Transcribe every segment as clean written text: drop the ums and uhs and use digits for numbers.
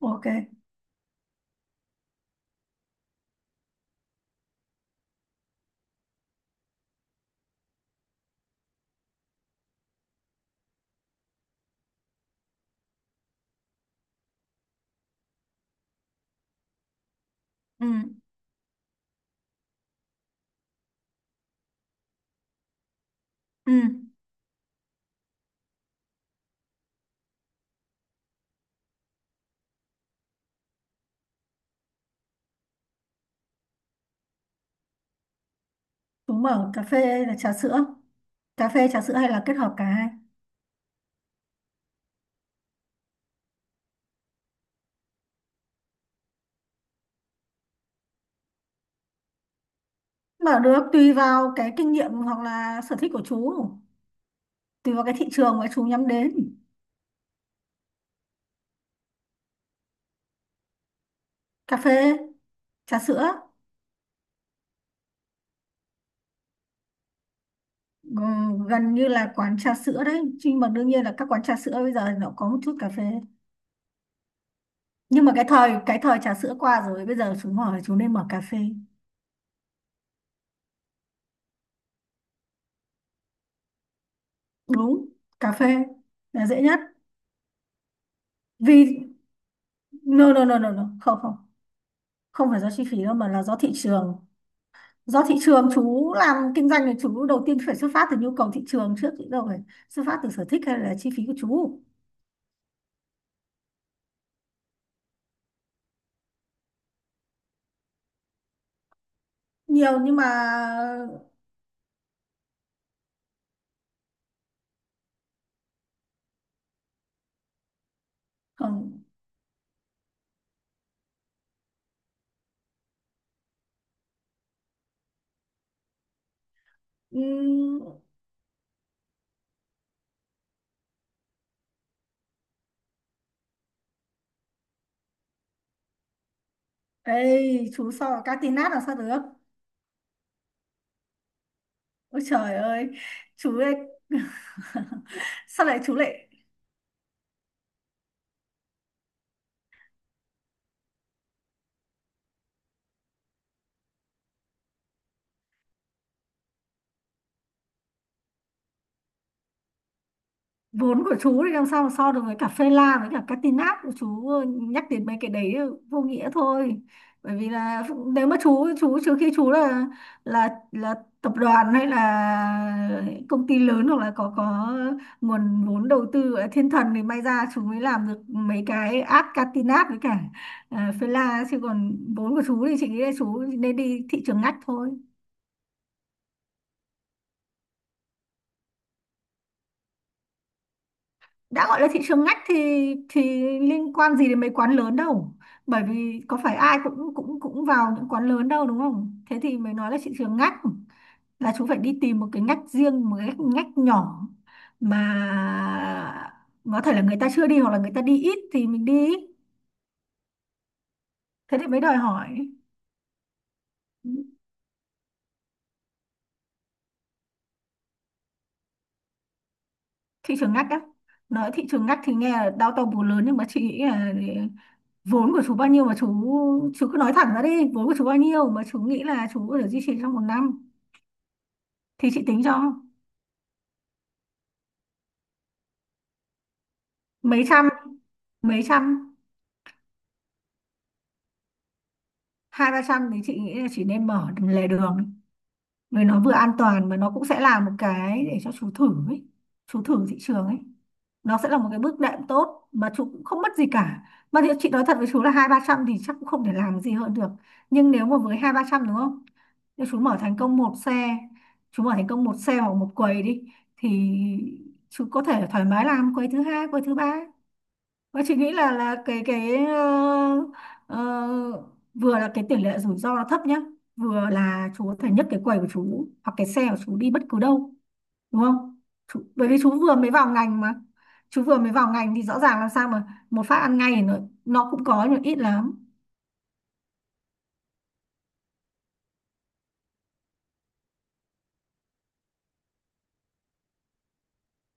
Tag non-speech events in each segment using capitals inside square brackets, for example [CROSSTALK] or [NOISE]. Ok. Ừ, ừ. Chúng bảo cà phê hay là trà sữa. Cà phê, trà sữa hay là kết hợp cả hai. Mở được tùy vào cái kinh nghiệm hoặc là sở thích của chú. Tùy vào cái thị trường mà chú nhắm đến. Cà phê, trà sữa. ừ, Gần như là quán trà sữa đấy. Nhưng mà đương nhiên là các quán trà sữa bây giờ nó có một chút cà phê. Nhưng mà cái thời trà sữa qua rồi. Bây giờ chú mở, chú nên mở cà phê. Đúng, cà phê là dễ nhất. Vì... No, no, no, no, no. Không, không. Không phải do chi phí đâu mà là do thị trường, do thị trường. Chú làm kinh doanh thì chú đầu tiên phải xuất phát từ nhu cầu thị trường trước, chứ đâu phải xuất phát từ sở thích hay là chi phí của chú. Nhiều nhưng mà không. Ừm, ê chú, so với cá tinát làm sao được. Ôi trời ơi, chú ấy [LAUGHS] sao lại chú lại vốn của chú thì làm sao mà so được với cả phê la với cả Catinat của chú. Nhắc đến mấy cái đấy vô nghĩa thôi, bởi vì là nếu mà chú trừ khi chú là là tập đoàn hay là công ty lớn, hoặc là có nguồn vốn đầu tư ở thiên thần thì may ra chú mới làm được mấy cái app Catinat với cả phê la, chứ còn vốn của chú thì chị nghĩ là chú nên đi thị trường ngách thôi. Đã gọi là thị trường ngách thì thì liên quan gì đến mấy quán lớn đâu, bởi vì có phải ai cũng cũng cũng vào những quán lớn đâu, đúng không? Thế thì mới nói là thị trường ngách, là chú phải đi tìm một cái ngách riêng, một cái ngách, ngách nhỏ mà có thể là người ta chưa đi hoặc là người ta đi ít thì mình đi. Thế thì mới đòi hỏi thị trường ngách á. Nói thị trường ngách thì nghe là đau to bù lớn, nhưng mà chị nghĩ là vốn của chú bao nhiêu mà chú cứ nói thẳng ra đi, vốn của chú bao nhiêu mà chú nghĩ là chú có thể duy trì trong một năm thì chị tính cho. Mấy trăm, mấy trăm. Hai ba trăm thì chị nghĩ là chị nên mở lề đường, vì nó vừa an toàn mà nó cũng sẽ là một cái để cho chú thử ấy, chú thử thị trường ấy. Nó sẽ là một cái bước đệm tốt mà chú cũng không mất gì cả, mà thì chị nói thật với chú là hai ba trăm thì chắc cũng không thể làm gì hơn được. Nhưng nếu mà với hai ba trăm, đúng không, nếu chú mở thành công một xe, chú mở thành công một xe hoặc một quầy đi, thì chú có thể thoải mái làm quầy thứ hai, quầy thứ ba. Và chị nghĩ là cái ờ, vừa là cái tỷ lệ rủi ro nó thấp nhá, vừa là chú có thể nhấc cái quầy của chú hoặc cái xe của chú đi bất cứ đâu, đúng không? Chú, bởi vì chú vừa mới vào ngành mà. Chú vừa mới vào ngành thì rõ ràng làm sao mà một phát ăn ngay thì nó cũng có nhưng mà ít lắm.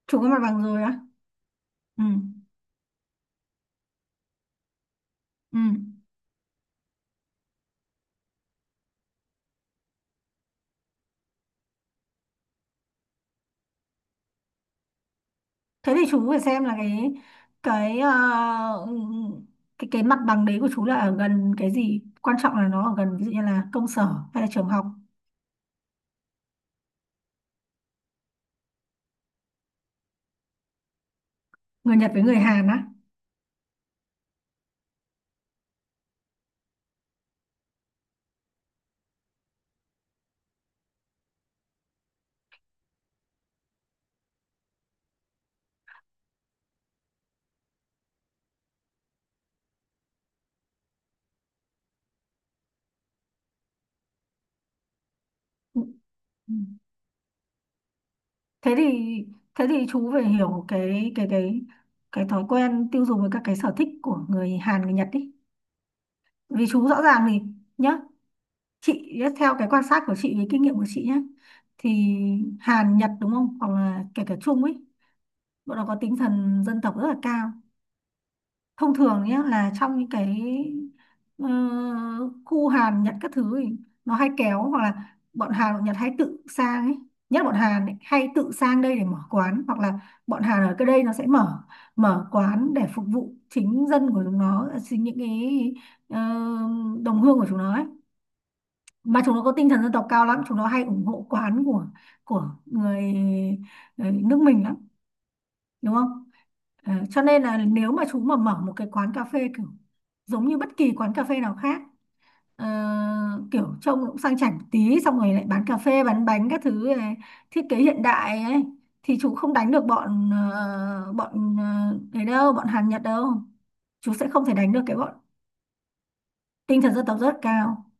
Chú có mặt bằng rồi á. Ừ. Ừ. Thế thì chú phải xem là cái ờ, cái mặt bằng đấy của chú là ở gần cái gì, quan trọng là nó ở gần ví dụ như là công sở hay là trường học. Người Nhật với người Hàn á? Ừ. Ừ. thế thì thế thì chú phải hiểu cái thói quen tiêu dùng với các cái sở thích của người Hàn người Nhật đi, vì chú rõ ràng thì nhá, chị nhá, theo cái quan sát của chị với kinh nghiệm của chị nhá, thì Hàn Nhật, đúng không, hoặc là kể cả Trung ấy, bọn nó có tinh thần dân tộc rất là cao. Thông thường nhé, là trong những cái ờ, khu Hàn Nhật các thứ ấy, nó hay kéo hoặc là bọn Hàn bọn Nhật hay tự sang ấy, nhất là bọn Hàn ấy, hay tự sang đây để mở quán, hoặc là bọn Hàn ở cái đây nó sẽ mở mở quán để phục vụ chính dân của chúng nó, chính những cái ờ, đồng hương của chúng nó ấy. Mà chúng nó có tinh thần dân tộc cao lắm, chúng nó hay ủng hộ quán của người, người nước mình lắm, đúng không? Ờ, cho nên là nếu mà chú mà mở một cái quán cà phê kiểu giống như bất kỳ quán cà phê nào khác, ờ, kiểu trông cũng sang chảnh một tí, xong rồi lại bán cà phê bán bánh các thứ này, thiết kế hiện đại ấy, thì chú không đánh được bọn ờ, bọn ấy đâu, bọn Hàn Nhật đâu. Chú sẽ không thể đánh được cái bọn tinh thần dân tộc rất cao.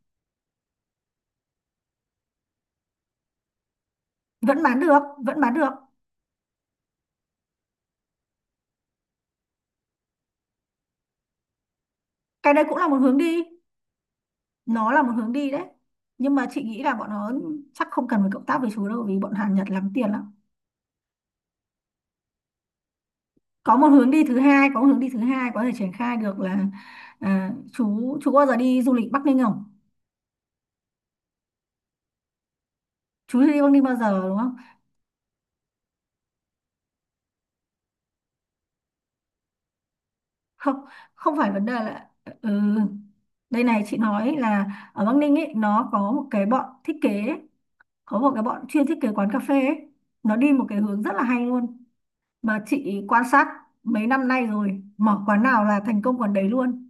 Vẫn bán được, vẫn bán được. Cái đấy cũng là một hướng đi, nó là một hướng đi đấy. Nhưng mà chị nghĩ là bọn nó chắc không cần phải cộng tác với chú đâu, vì bọn Hàn Nhật lắm tiền lắm. Có một hướng đi thứ hai, có một hướng đi thứ hai có thể triển khai được là à, chú bao giờ đi du lịch Bắc Ninh không? Chú chưa đi Bắc Ninh bao giờ, đúng không? Không, không phải vấn đề là ừ, đây này chị nói là ở Bắc Ninh ấy, nó có một cái bọn thiết kế ấy, có một cái bọn chuyên thiết kế quán cà phê ấy. Nó đi một cái hướng rất là hay luôn mà chị quan sát mấy năm nay rồi, mở quán nào là thành công quán đấy luôn,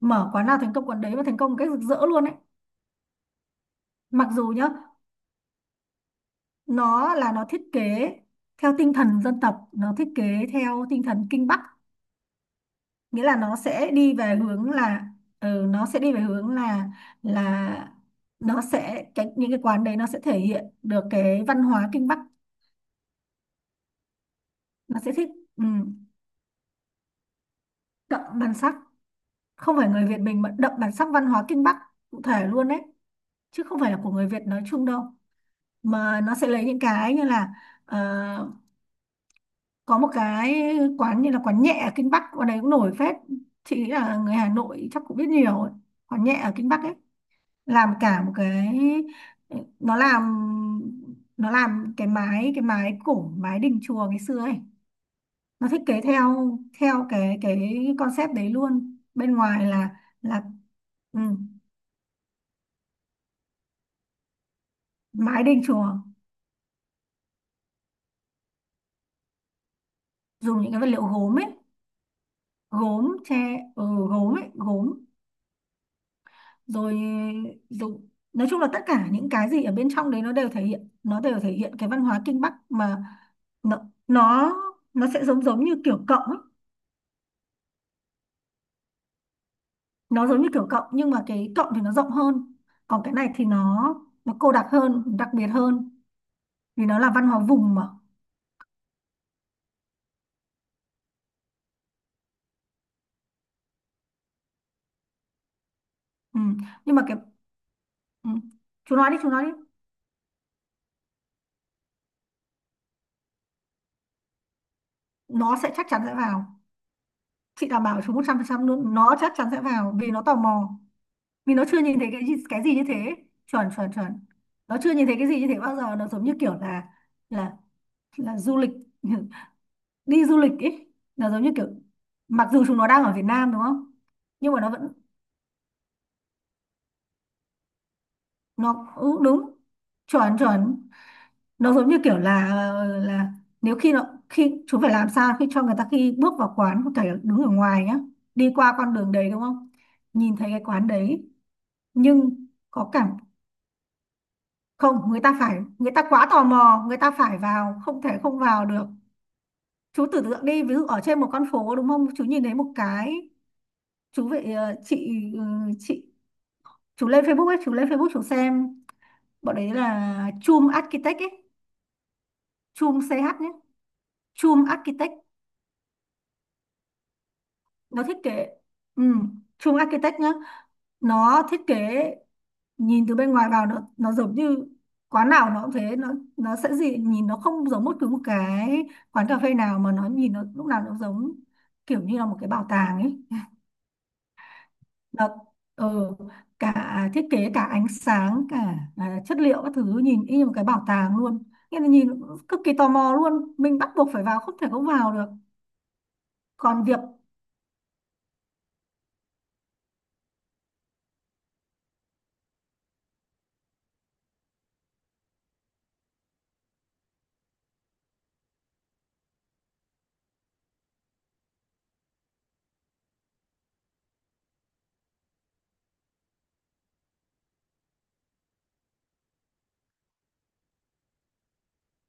mở quán nào thành công quán đấy và thành công một cách rực rỡ luôn ấy. Mặc dù nhá, nó là nó thiết kế theo tinh thần dân tộc, nó thiết kế theo tinh thần Kinh Bắc, nghĩa là nó sẽ đi về hướng là ừ, nó sẽ đi về hướng là nó sẽ cái, những cái quán đấy nó sẽ thể hiện được cái văn hóa Kinh Bắc. Nó sẽ thích ừ, đậm bản sắc. Không phải người Việt mình, mà đậm bản sắc văn hóa Kinh Bắc cụ thể luôn đấy, chứ không phải là của người Việt nói chung đâu. Mà nó sẽ lấy những cái như là ờ, có một cái quán như là quán nhẹ ở Kinh Bắc, quán đấy cũng nổi phết, chị nghĩ là người Hà Nội chắc cũng biết nhiều ấy. Quán nhẹ ở Kinh Bắc ấy làm cả một cái, nó làm, nó làm cái mái, cái mái cổ, mái đình chùa ngày xưa ấy. Nó thiết kế theo theo cái concept đấy luôn. Bên ngoài là ừ, mái đình chùa, dùng những cái vật liệu gốm ấy, gốm tre, ừ, gốm ấy, gốm. Rồi rồi nói chung là tất cả những cái gì ở bên trong đấy nó đều thể hiện, nó đều thể hiện cái văn hóa Kinh Bắc mà. Nó nó nó sẽ giống, giống như kiểu cộng ấy. Nó giống như kiểu cộng nhưng mà cái cộng thì nó rộng hơn, còn cái này thì nó cô đặc hơn, đặc biệt hơn, vì nó là văn hóa vùng mà. Ừ. Nhưng mà cái ừ. Chú nói đi, chú nói đi. Nó sẽ, chắc chắn sẽ vào. Chị đảm bảo chú 100% luôn, nó chắc chắn sẽ vào vì nó tò mò, vì nó chưa nhìn thấy cái gì, cái gì như thế. Chuẩn, chuẩn, chuẩn. Nó chưa nhìn thấy cái gì như thế bao giờ, nó giống như kiểu là là là du lịch, [LAUGHS] đi du lịch ấy. Nó giống như kiểu, mặc dù chúng nó đang ở Việt Nam, đúng không, nhưng mà nó vẫn, nó ừ, đúng, chuẩn, chuẩn. Nó giống như kiểu là nếu khi nó, khi chúng phải làm sao khi cho người ta khi bước vào quán có thể đứng ở ngoài nhá, đi qua con đường đấy, đúng không, nhìn thấy cái quán đấy, nhưng có cảm. Không, người ta phải, người ta quá tò mò, người ta phải vào, không thể không vào được. Chú tưởng tượng đi, ví dụ ở trên một con phố, đúng không, chú nhìn thấy một cái, chú vậy ờ, chị ừ, chị, chú lên Facebook ấy, chú lên Facebook chú xem, bọn đấy là Chum Architect ấy. Chum CH nhé, Chum Architect, nó thiết kế ừ, Chum Architect nhá, nó thiết kế nhìn từ bên ngoài vào, nó giống như quán nào nó cũng thế, nó sẽ gì, nhìn nó không giống bất cứ một cái quán cà phê nào, mà nó nhìn nó lúc nào nó giống kiểu như là một cái bảo tàng ấy. Nó ừ, cả thiết kế, cả ánh sáng, cả à, chất liệu các thứ nhìn y như một cái bảo tàng luôn, nghĩa là nhìn cực kỳ tò mò luôn, mình bắt buộc phải vào, không thể không vào được. Còn việc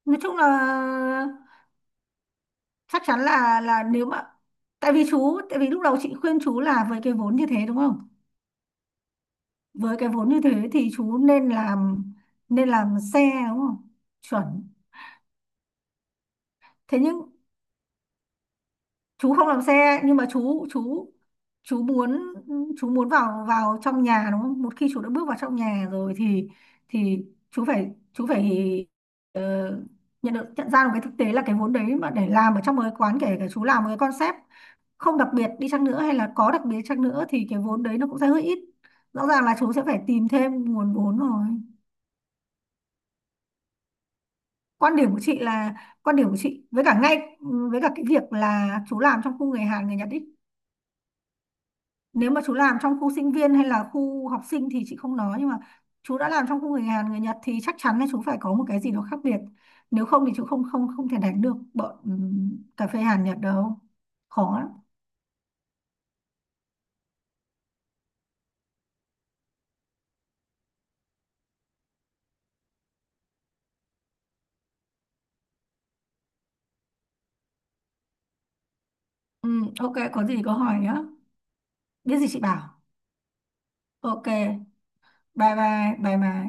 nói chung là chắc chắn là nếu mà tại vì chú, tại vì lúc đầu chị khuyên chú là với cái vốn như thế, đúng không, với cái vốn như thế thì chú nên làm, nên làm xe, đúng không? Chuẩn. Thế nhưng chú không làm xe, nhưng mà chú muốn, chú muốn vào vào trong nhà, đúng không, một khi chú đã bước vào trong nhà rồi thì thì chú phải ờ, nhận được, nhận ra được cái thực tế là cái vốn đấy mà để làm ở trong một cái quán, kể cả chú làm một cái concept không đặc biệt đi chăng nữa, hay là có đặc biệt chăng nữa, thì cái vốn đấy nó cũng sẽ hơi ít, rõ ràng là chú sẽ phải tìm thêm nguồn vốn rồi. Quan điểm của chị là, quan điểm của chị với cả ngay với cả cái việc là chú làm trong khu người Hàn người Nhật ý, nếu mà chú làm trong khu sinh viên hay là khu học sinh thì chị không nói, nhưng mà chú đã làm trong khu người Hàn người Nhật thì chắc chắn là chú phải có một cái gì đó khác biệt, nếu không thì chú không không không thể đánh được bọn cà phê Hàn Nhật đâu, khó lắm. Ok, có gì có hỏi nhá, biết gì chị bảo. Ok. Bye bye, bye bye.